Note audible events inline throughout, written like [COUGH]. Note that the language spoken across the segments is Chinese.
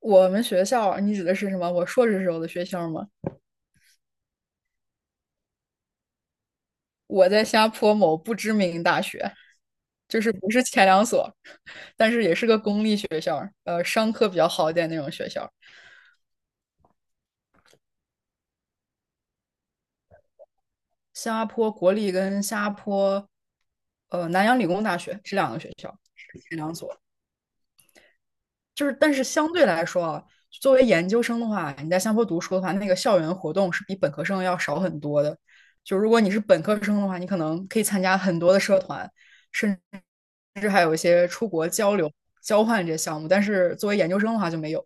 我们学校，你指的是什么？我硕士时候的学校吗？我在新加坡某不知名大学，就是不是前两所，但是也是个公立学校，商科比较好一点那种学校。新加坡国立跟新加坡，南洋理工大学这两个学校是前两所，就是但是相对来说啊，作为研究生的话，你在新加坡读书的话，那个校园活动是比本科生要少很多的。就如果你是本科生的话，你可能可以参加很多的社团。甚至。甚至还有一些出国交流、交换这些项目，但是作为研究生的话就没有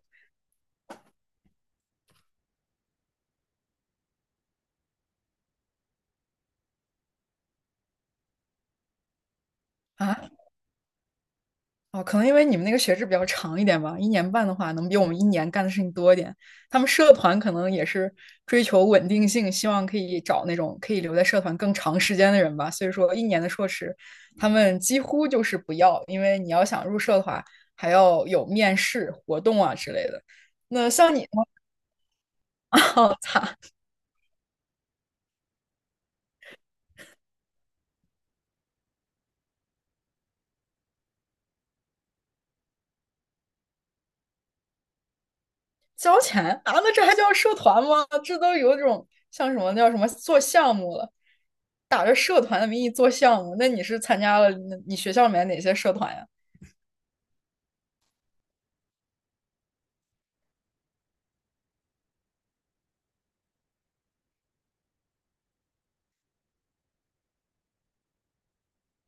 啊。哦，可能因为你们那个学制比较长一点吧，一年半的话，能比我们一年干的事情多一点。他们社团可能也是追求稳定性，希望可以找那种可以留在社团更长时间的人吧。所以说，一年的硕士，他们几乎就是不要，因为你要想入社的话，还要有面试活动啊之类的。那像你呢？[LAUGHS] 哦，擦，交钱啊？那这还叫社团吗？这都有种像什么那叫什么做项目了，打着社团的名义做项目。那你是参加了那你学校里面哪些社团呀？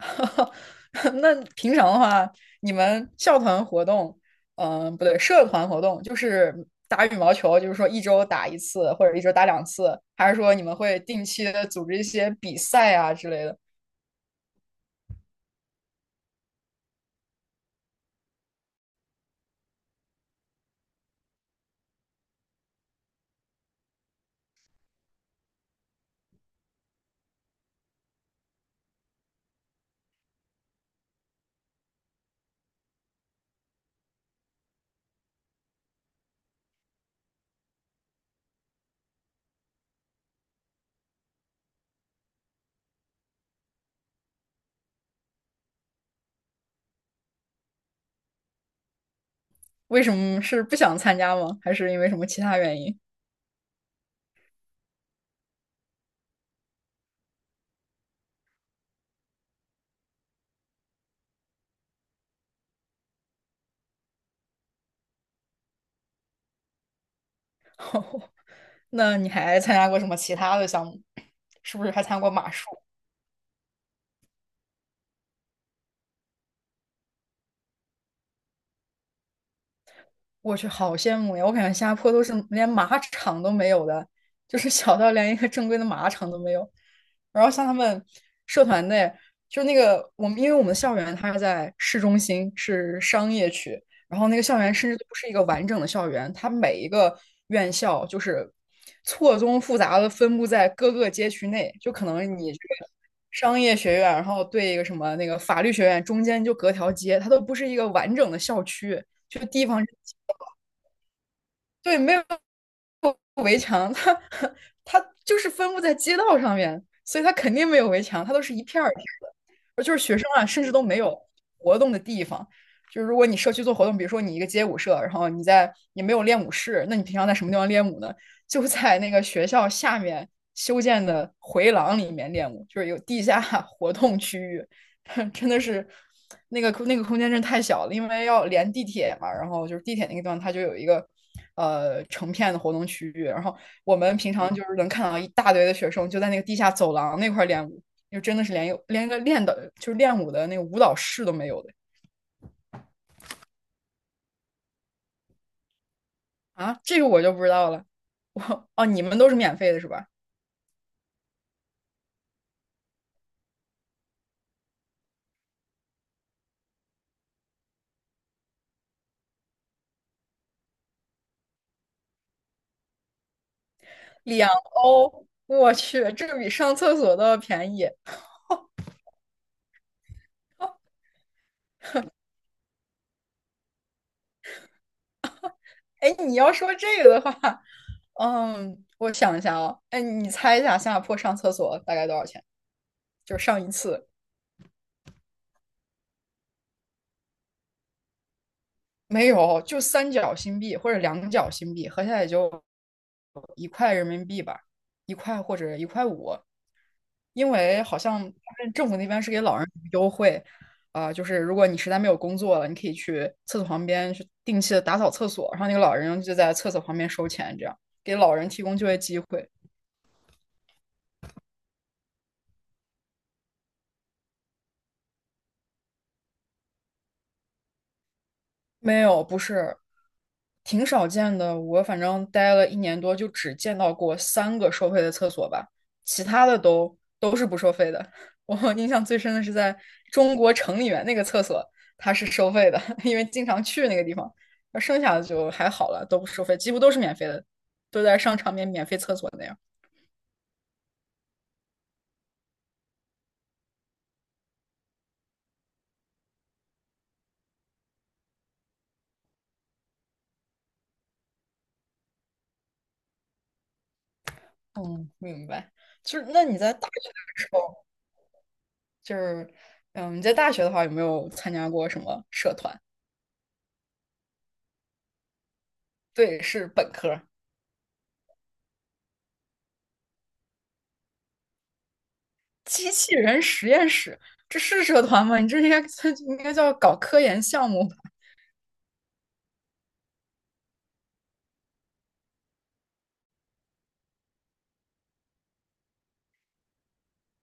[LAUGHS] 那平常的话，你们校团活动，嗯、不对，社团活动就是打羽毛球，就是说一周打一次或者一周打两次，还是说你们会定期的组织一些比赛啊之类的？为什么是不想参加吗？还是因为什么其他原因？[LAUGHS] 那你还参加过什么其他的项目？是不是还参加过马术？我去，好羡慕呀！我感觉新加坡都是连马场都没有的，就是小到连一个正规的马场都没有。然后像他们社团内，就那个我们，因为我们的校园它是在市中心，是商业区，然后那个校园甚至都不是一个完整的校园，它每一个院校就是错综复杂的分布在各个街区内，就可能你这个商业学院，然后对一个什么那个法律学院，中间就隔条街，它都不是一个完整的校区。就地方对，没有围墙，它 [LAUGHS] 它就是分布在街道上面，所以它肯定没有围墙，它都是一片儿一片儿的。而就是学生啊，甚至都没有活动的地方。就是如果你社区做活动，比如说你一个街舞社，然后你在也没有练舞室，那你平常在什么地方练舞呢？[LAUGHS] 就在那个学校下面修建的回廊里面练舞，就是有地下 [LAUGHS] 活动区域。[LAUGHS] 真的是那个空间真太小了，因为要连地铁嘛，然后就是地铁那个地方它就有一个成片的活动区域，然后我们平常就是能看到一大堆的学生就在那个地下走廊那块练舞，就真的是连有连个练的就是练舞的那个舞蹈室都没有的啊，这个我就不知道了。你们都是免费的是吧？两欧，哦我去，这个比上厕所都要便宜。哎，你要说这个的话，嗯，我想一下啊，哎，你猜一下新加坡上厕所大概多少钱？就是上一次没有，就三角新币或者两角新币，合下来也就一块人民币吧，一块或者一块五。因为好像他们政府那边是给老人优惠，啊、就是如果你实在没有工作了，你可以去厕所旁边去定期的打扫厕所，然后那个老人就在厕所旁边收钱，这样给老人提供就业机会。没有，不是，挺少见的。我反正待了一年多，就只见到过三个收费的厕所吧，其他的都是不收费的。[LAUGHS] 我印象最深的是在中国城里面那个厕所，它是收费的，[LAUGHS] 因为经常去那个地方。而剩下的就还好了，都不收费，几乎都是免费的，都在商场免费厕所那样。嗯，明白。就是那你在大学的时候，就是嗯，你在大学的话有没有参加过什么社团？对，是本科。机器人实验室，这是社团吗？你这应该 [LAUGHS] 应该叫搞科研项目吧？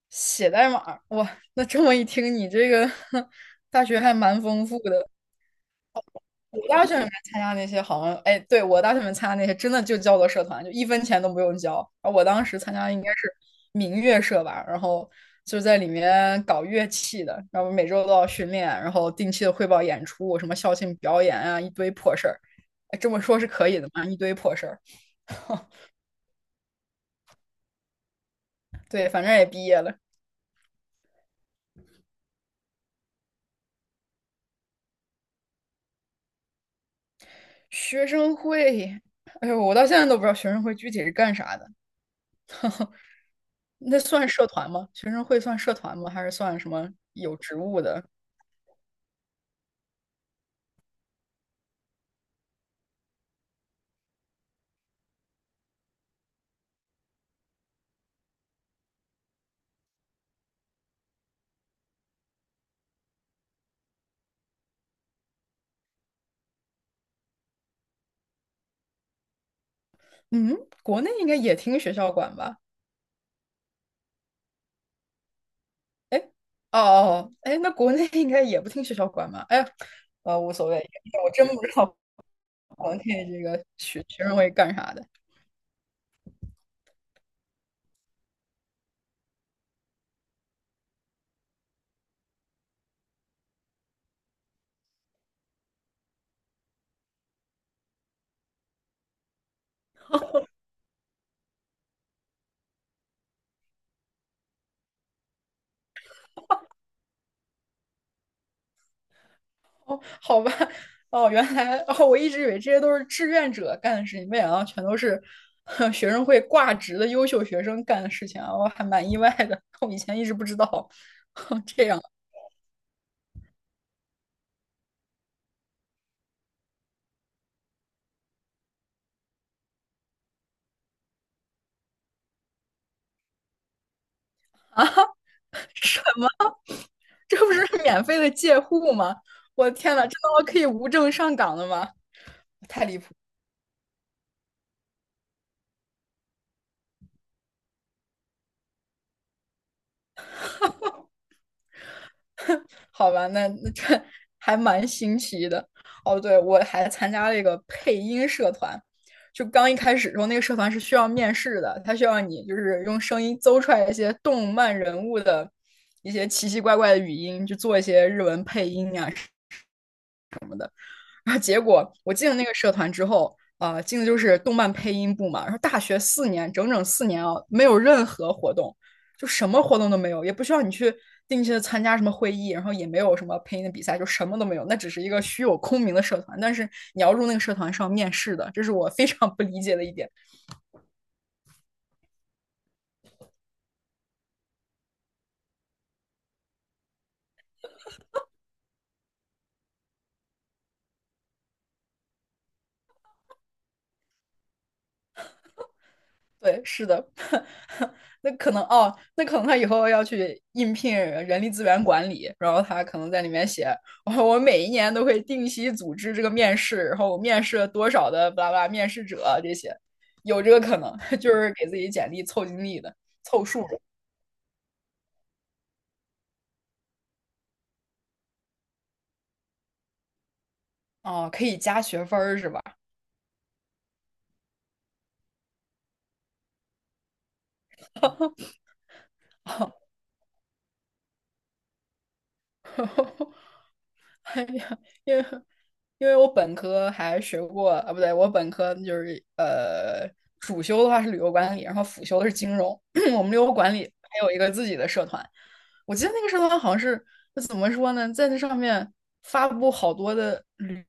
写代码，哇，那这么一听，你这个 [LAUGHS] 大学还蛮丰富的。我大学里面参加那些好像，哎，对，我大学里面参加那些真的就叫做社团，就一分钱都不用交。然后我当时参加应该是民乐社吧，然后就在里面搞乐器的，然后每周都要训练，然后定期的汇报演出，什么校庆表演啊，一堆破事儿。哎这么说是可以的吗？一堆破事儿。对，反正也毕业了。学生会，哎呦，我到现在都不知道学生会具体是干啥的。那算社团吗？学生会算社团吗？还是算什么有职务的？嗯，国内应该也听学校管吧？哎，哦哦，哎，那国内应该也不听学校管吧？哎呀，无所谓，我真不知道国内这个学生会干啥的。[LAUGHS] 好吧，哦，原来哦，我一直以为这些都是志愿者干的事情，没想到全都是哼 [LAUGHS] 学生会挂职的优秀学生干的事情啊，我还蛮意外的，我以前一直不知道。[LAUGHS] 哦这样啊？[LAUGHS] 什么？这不是免费的借户吗？我的天呐，这他妈可以无证上岗的吗？太离谱！好吧，那那这还蛮新奇的。哦，对，我还参加了一个配音社团，就刚一开始的时候，那个社团是需要面试的，他需要你就是用声音诌出来一些动漫人物的一些奇奇怪怪的语音，就做一些日文配音啊然后结果我进了那个社团之后，进的就是动漫配音部嘛。然后大学四年，整整四年啊，没有任何活动，就什么活动都没有，也不需要你去定期的参加什么会议，然后也没有什么配音的比赛，就什么都没有。那只是一个虚有空名的社团，但是你要入那个社团是要面试的，这是我非常不理解的一点。对，是的，[LAUGHS] 那可能哦，那可能他以后要去应聘人力资源管理，然后他可能在里面写，我每一年都会定期组织这个面试，然后我面试了多少的巴拉巴拉面试者这些，有这个可能，[LAUGHS] 就是给自己简历凑经历的，凑数的。哦，可以加学分儿是吧？[LAUGHS] [LAUGHS] 哎呀，因为因为我本科还学过啊，不对，我本科就是主修的话是旅游管理，然后辅修的是金融。[CLEARS THROAT] 我们旅游管理还有一个自己的社团，我记得那个社团好像是就怎么说呢，在那上面发布好多的旅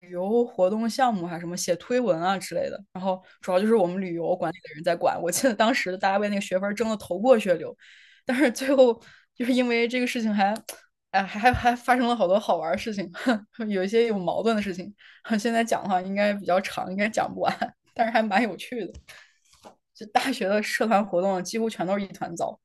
旅游活动项目啊，还是什么写推文啊之类的。然后主要就是我们旅游管理的人在管。我记得当时大家为那个学分儿争得头破血流，但是最后就是因为这个事情还哎，还发生了好多好玩儿的事情，[LAUGHS] 有一些有矛盾的事情。[LAUGHS] 现在讲的话应该比较长，应该讲不完，[LAUGHS] 但是还蛮有趣的。就大学的社团活动几乎全都是一团糟，